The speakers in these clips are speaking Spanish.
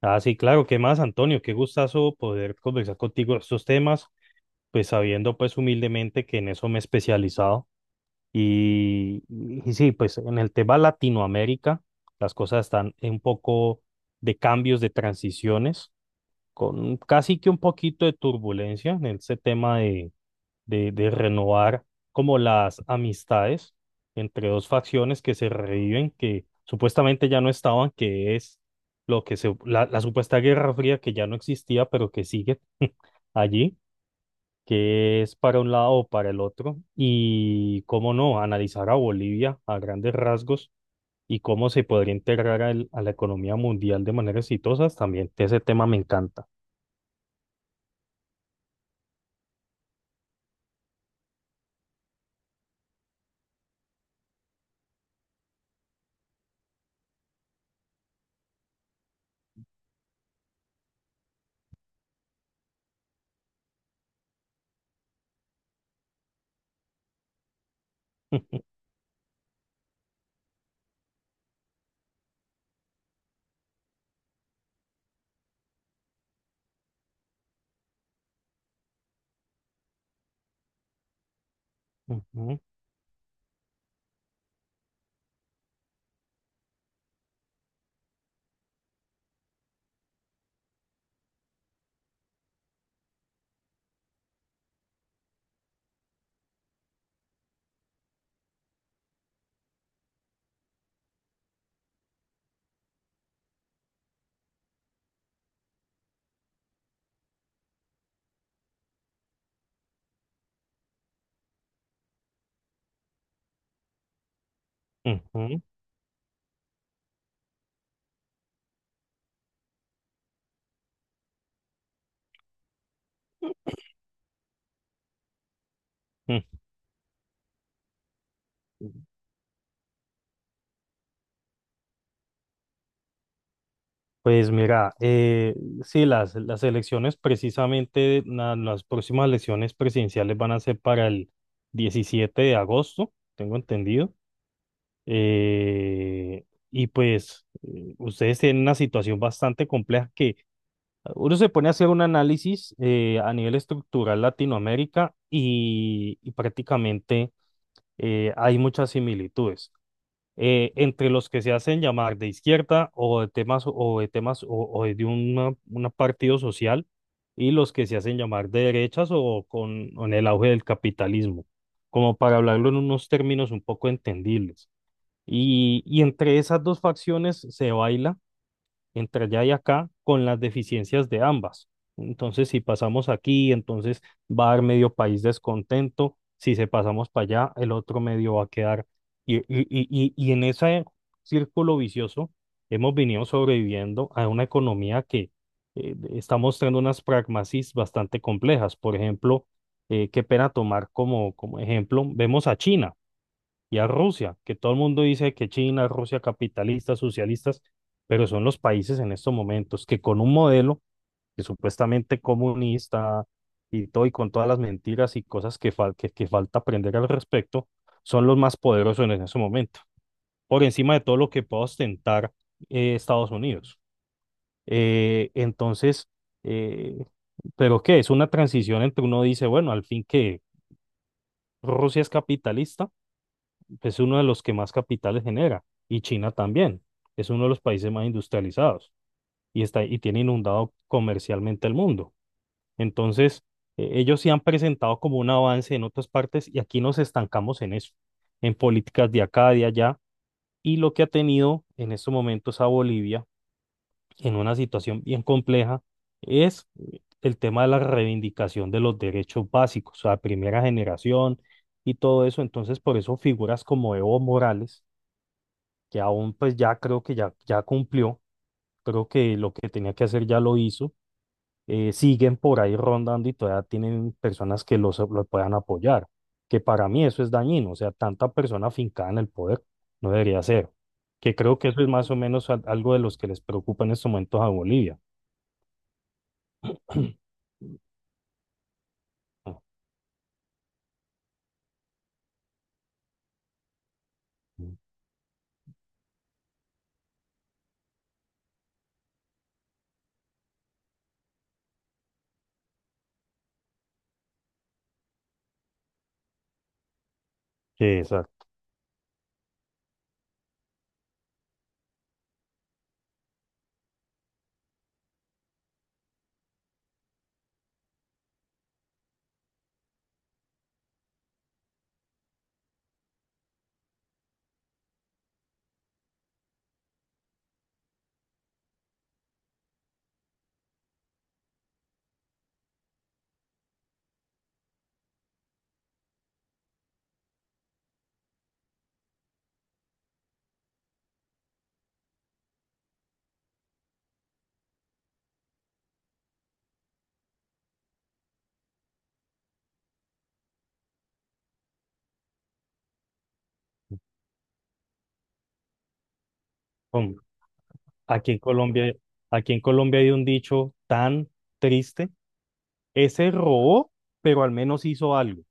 Ah, sí, claro, ¿qué más, Antonio? Qué gustazo poder conversar contigo de estos temas, pues sabiendo pues humildemente que en eso me he especializado. Y, y sí, pues en el tema Latinoamérica, las cosas están un poco de cambios, de transiciones, con casi que un poquito de turbulencia en ese tema de renovar como las amistades entre dos facciones que se reviven, que supuestamente ya no estaban, que es lo que la supuesta Guerra Fría que ya no existía, pero que sigue allí, que es para un lado o para el otro, y cómo no, analizar a Bolivia a grandes rasgos y cómo se podría integrar a la economía mundial de manera exitosa, también ese tema me encanta. Ujú, ujú, ujú. Pues mira, sí, las elecciones precisamente, las próximas elecciones presidenciales van a ser para el 17 de agosto, tengo entendido. Eh, y pues ustedes tienen una situación bastante compleja que uno se pone a hacer un análisis a nivel estructural Latinoamérica y prácticamente hay muchas similitudes entre los que se hacen llamar de izquierda o de temas o de temas o de un una partido social y los que se hacen llamar de derechas o con el auge del capitalismo, como para hablarlo en unos términos un poco entendibles. Y entre esas dos facciones se baila entre allá y acá con las deficiencias de ambas. Entonces, si pasamos aquí, entonces va a haber medio país descontento. Si se pasamos para allá, el otro medio va a quedar. Y, y, y, y en ese círculo vicioso hemos venido sobreviviendo a una economía que está mostrando unas pragmasis bastante complejas. Por ejemplo, qué pena tomar como, como ejemplo, vemos a China y a Rusia, que todo el mundo dice que China, Rusia, capitalistas, socialistas, pero son los países en estos momentos que con un modelo que supuestamente comunista y todo y con todas las mentiras y cosas que, que falta aprender al respecto, son los más poderosos en ese momento, por encima de todo lo que pueda ostentar Estados Unidos. Entonces, eh, ¿pero qué? Es una transición entre uno dice, bueno, al fin que Rusia es capitalista, es uno de los que más capitales genera, y China también, es uno de los países más industrializados y, está, y tiene inundado comercialmente el mundo. Entonces, ellos sí han presentado como un avance en otras partes y aquí nos estancamos en eso, en políticas de acá, de allá, y lo que ha tenido en estos momentos a Bolivia en una situación bien compleja es el tema de la reivindicación de los derechos básicos, o sea, primera generación y todo eso. Entonces, por eso figuras como Evo Morales, que aún pues ya creo que ya cumplió, creo que lo que tenía que hacer ya lo hizo, siguen por ahí rondando y todavía tienen personas que lo puedan apoyar, que para mí eso es dañino, o sea, tanta persona afincada en el poder no debería ser, que creo que eso es más o menos algo de los que les preocupa en estos momentos a Bolivia. Ujú. Que exacto. Hom- Aquí en Colombia, aquí en Colombia hay un dicho tan triste, ese robó, pero al menos hizo algo.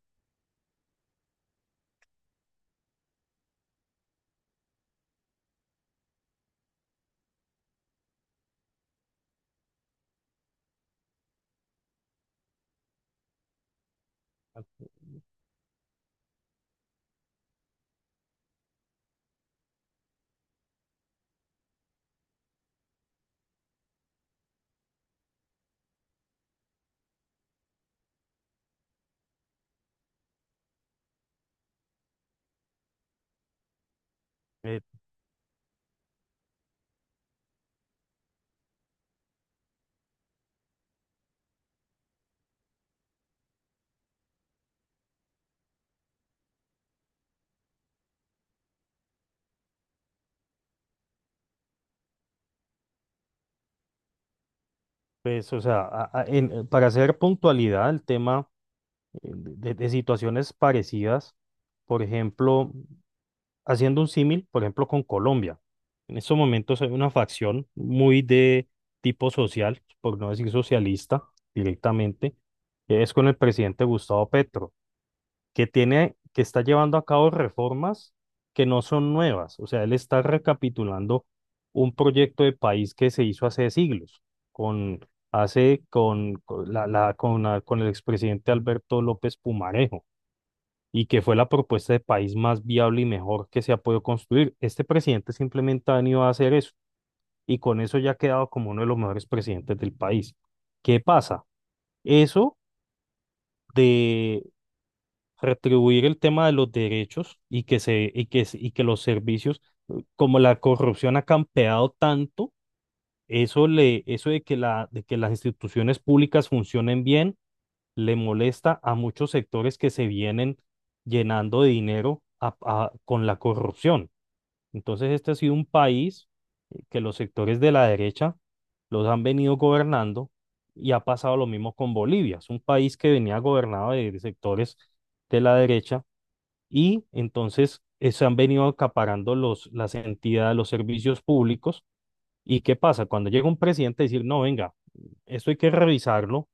Eh, Pues, o sea, para hacer puntualidad el tema de situaciones parecidas, por ejemplo, haciendo un símil, por ejemplo, con Colombia. En estos momentos hay una facción muy de tipo social, por no decir socialista directamente, que es con el presidente Gustavo Petro, que tiene, que está llevando a cabo reformas que no son nuevas. O sea, él está recapitulando un proyecto de país que se hizo hace siglos, con, hace, con con el expresidente Alberto López Pumarejo, y que fue la propuesta de país más viable y mejor que se ha podido construir. Este presidente simplemente ha venido a hacer eso, y con eso ya ha quedado como uno de los mejores presidentes del país. ¿Qué pasa? Eso de retribuir el tema de los derechos y que se y que los servicios, como la corrupción ha campeado tanto, eso le eso de que la de que las instituciones públicas funcionen bien le molesta a muchos sectores que se vienen llenando de dinero con la corrupción. Entonces, este ha sido un país que los sectores de la derecha los han venido gobernando y ha pasado lo mismo con Bolivia. Es un país que venía gobernado de sectores de la derecha y entonces se han venido acaparando las entidades, los servicios públicos. ¿Y qué pasa? Cuando llega un presidente a decir, no, venga, esto hay que revisarlo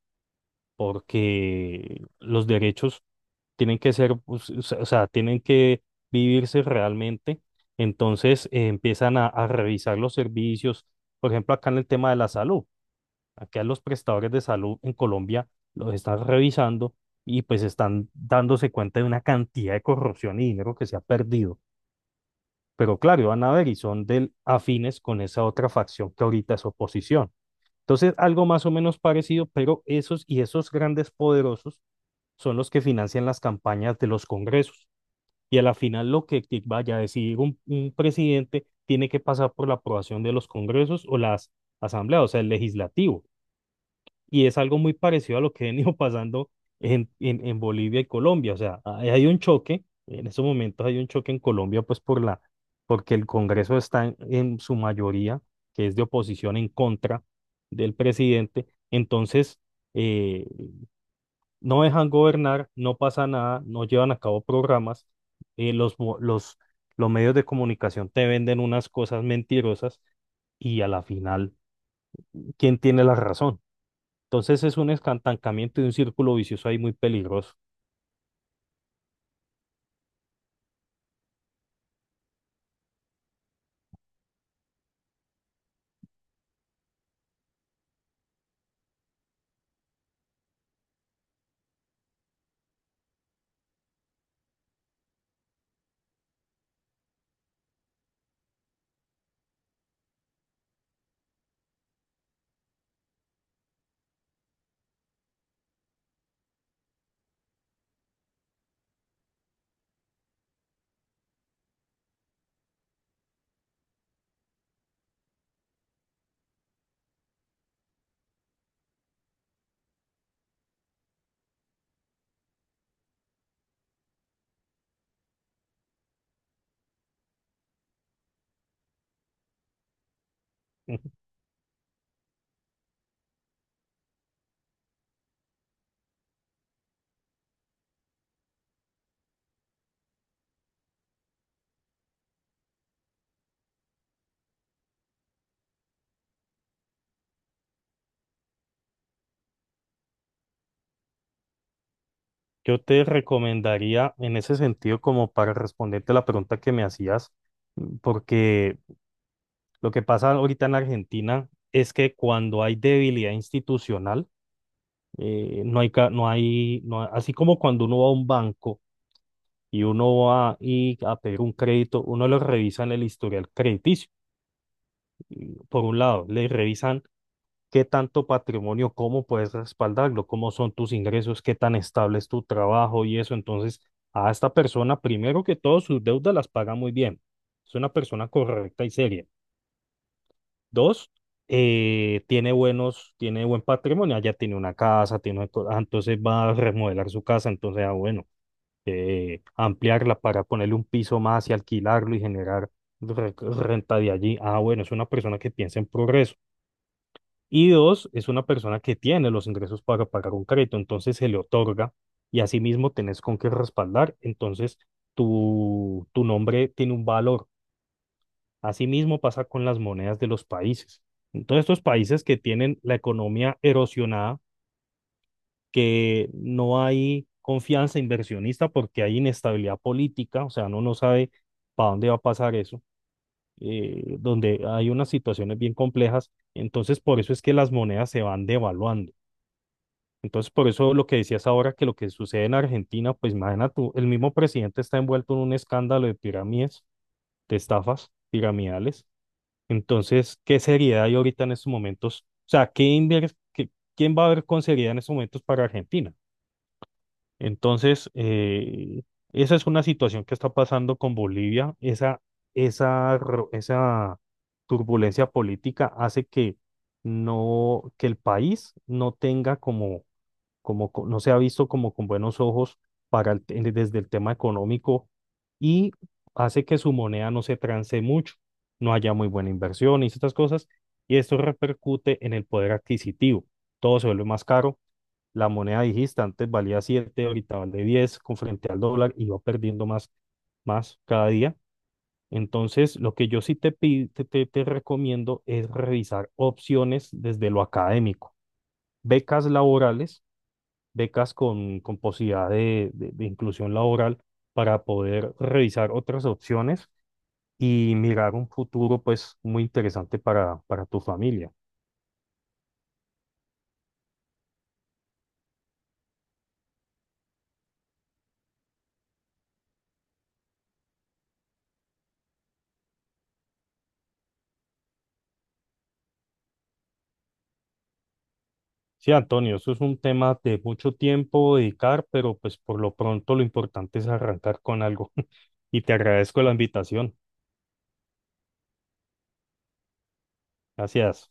porque los derechos tienen que ser, pues, o sea, tienen que vivirse realmente. Entonces empiezan a revisar los servicios, por ejemplo, acá en el tema de la salud. Acá los prestadores de salud en Colombia los están revisando y pues están dándose cuenta de una cantidad de corrupción y dinero que se ha perdido. Pero claro, van a ver y son del afines con esa otra facción que ahorita es oposición. Entonces, algo más o menos parecido, pero esos y esos grandes poderosos son los que financian las campañas de los congresos. Y a la final lo que vaya a decidir un presidente tiene que pasar por la aprobación de los congresos o las asambleas, o sea, el legislativo. Y es algo muy parecido a lo que ha venido pasando en Bolivia y Colombia. O sea, hay un choque, en estos momentos hay un choque en Colombia, pues por la, porque el Congreso está en su mayoría, que es de oposición en contra del presidente. Entonces, eh, no dejan gobernar, no pasa nada, no llevan a cabo programas, eh, los, mo- los, los medios de comunicación te venden unas cosas mentirosas y a la final, ¿quién tiene la razón? Entonces es un estancamiento y un círculo vicioso ahí muy peligroso. Ujú. Yo te recomendaría en ese sentido como para responderte la pregunta que me hacías, porque lo que pasa ahorita en Argentina es que cuando hay debilidad institucional, no hay, ca- no hay, no hay- así como cuando uno va a un banco y uno va y a pedir un crédito, uno lo revisa en el historial crediticio. Y por un lado, le revisan qué tanto patrimonio, cómo puedes respaldarlo, cómo son tus ingresos, qué tan estable es tu trabajo y eso. Entonces, a esta persona, primero que todo, sus deudas las paga muy bien. Es una persona correcta y seria. Dos, tiene buen patrimonio, allá tiene una casa, tiene, una co- ah, entonces va a remodelar su casa, entonces, ah, bueno, ampliarla para ponerle un piso más y alquilarlo y generar renta de allí. Ah, bueno, es una persona que piensa en progreso. Y dos, es una persona que tiene los ingresos para pagar un crédito, entonces se le otorga, y asimismo tenés con qué respaldar, entonces tu nombre tiene un valor. Asimismo pasa con las monedas de los países. Entonces estos países que tienen la economía erosionada, que no hay confianza inversionista porque hay inestabilidad política, o sea, uno no sabe para dónde va a pasar eso, donde hay unas situaciones bien complejas, entonces por eso es que las monedas se van devaluando. Entonces, por eso lo que decías ahora, que lo que sucede en Argentina, pues imagina tú, el mismo presidente está envuelto en un escándalo de pirámides, de estafas piramidales. Entonces, ¿qué seriedad hay ahorita en estos momentos? O sea, ¿quién va a ver con seriedad en estos momentos para Argentina? Entonces, esa es una situación que está pasando con Bolivia. Esa turbulencia política hace que, no, que el país no tenga como no se ha visto como con buenos ojos para desde el tema económico, y hace que su moneda no se transe mucho, no haya muy buena inversión y estas cosas, y esto repercute en el poder adquisitivo. Todo se vuelve más caro. La moneda, dijiste, antes valía 7, ahorita vale 10 con frente al dólar y va perdiendo más, más cada día. Entonces, lo que yo sí te, pi- te, te te recomiendo es revisar opciones desde lo académico, becas laborales, becas con posibilidad de, de inclusión laboral, para poder revisar otras opciones y mirar un futuro pues muy interesante para tu familia. Sí, Antonio, eso es un tema de mucho tiempo dedicar, pero pues por lo pronto lo importante es arrancar con algo. Y te agradezco la invitación. Gracias.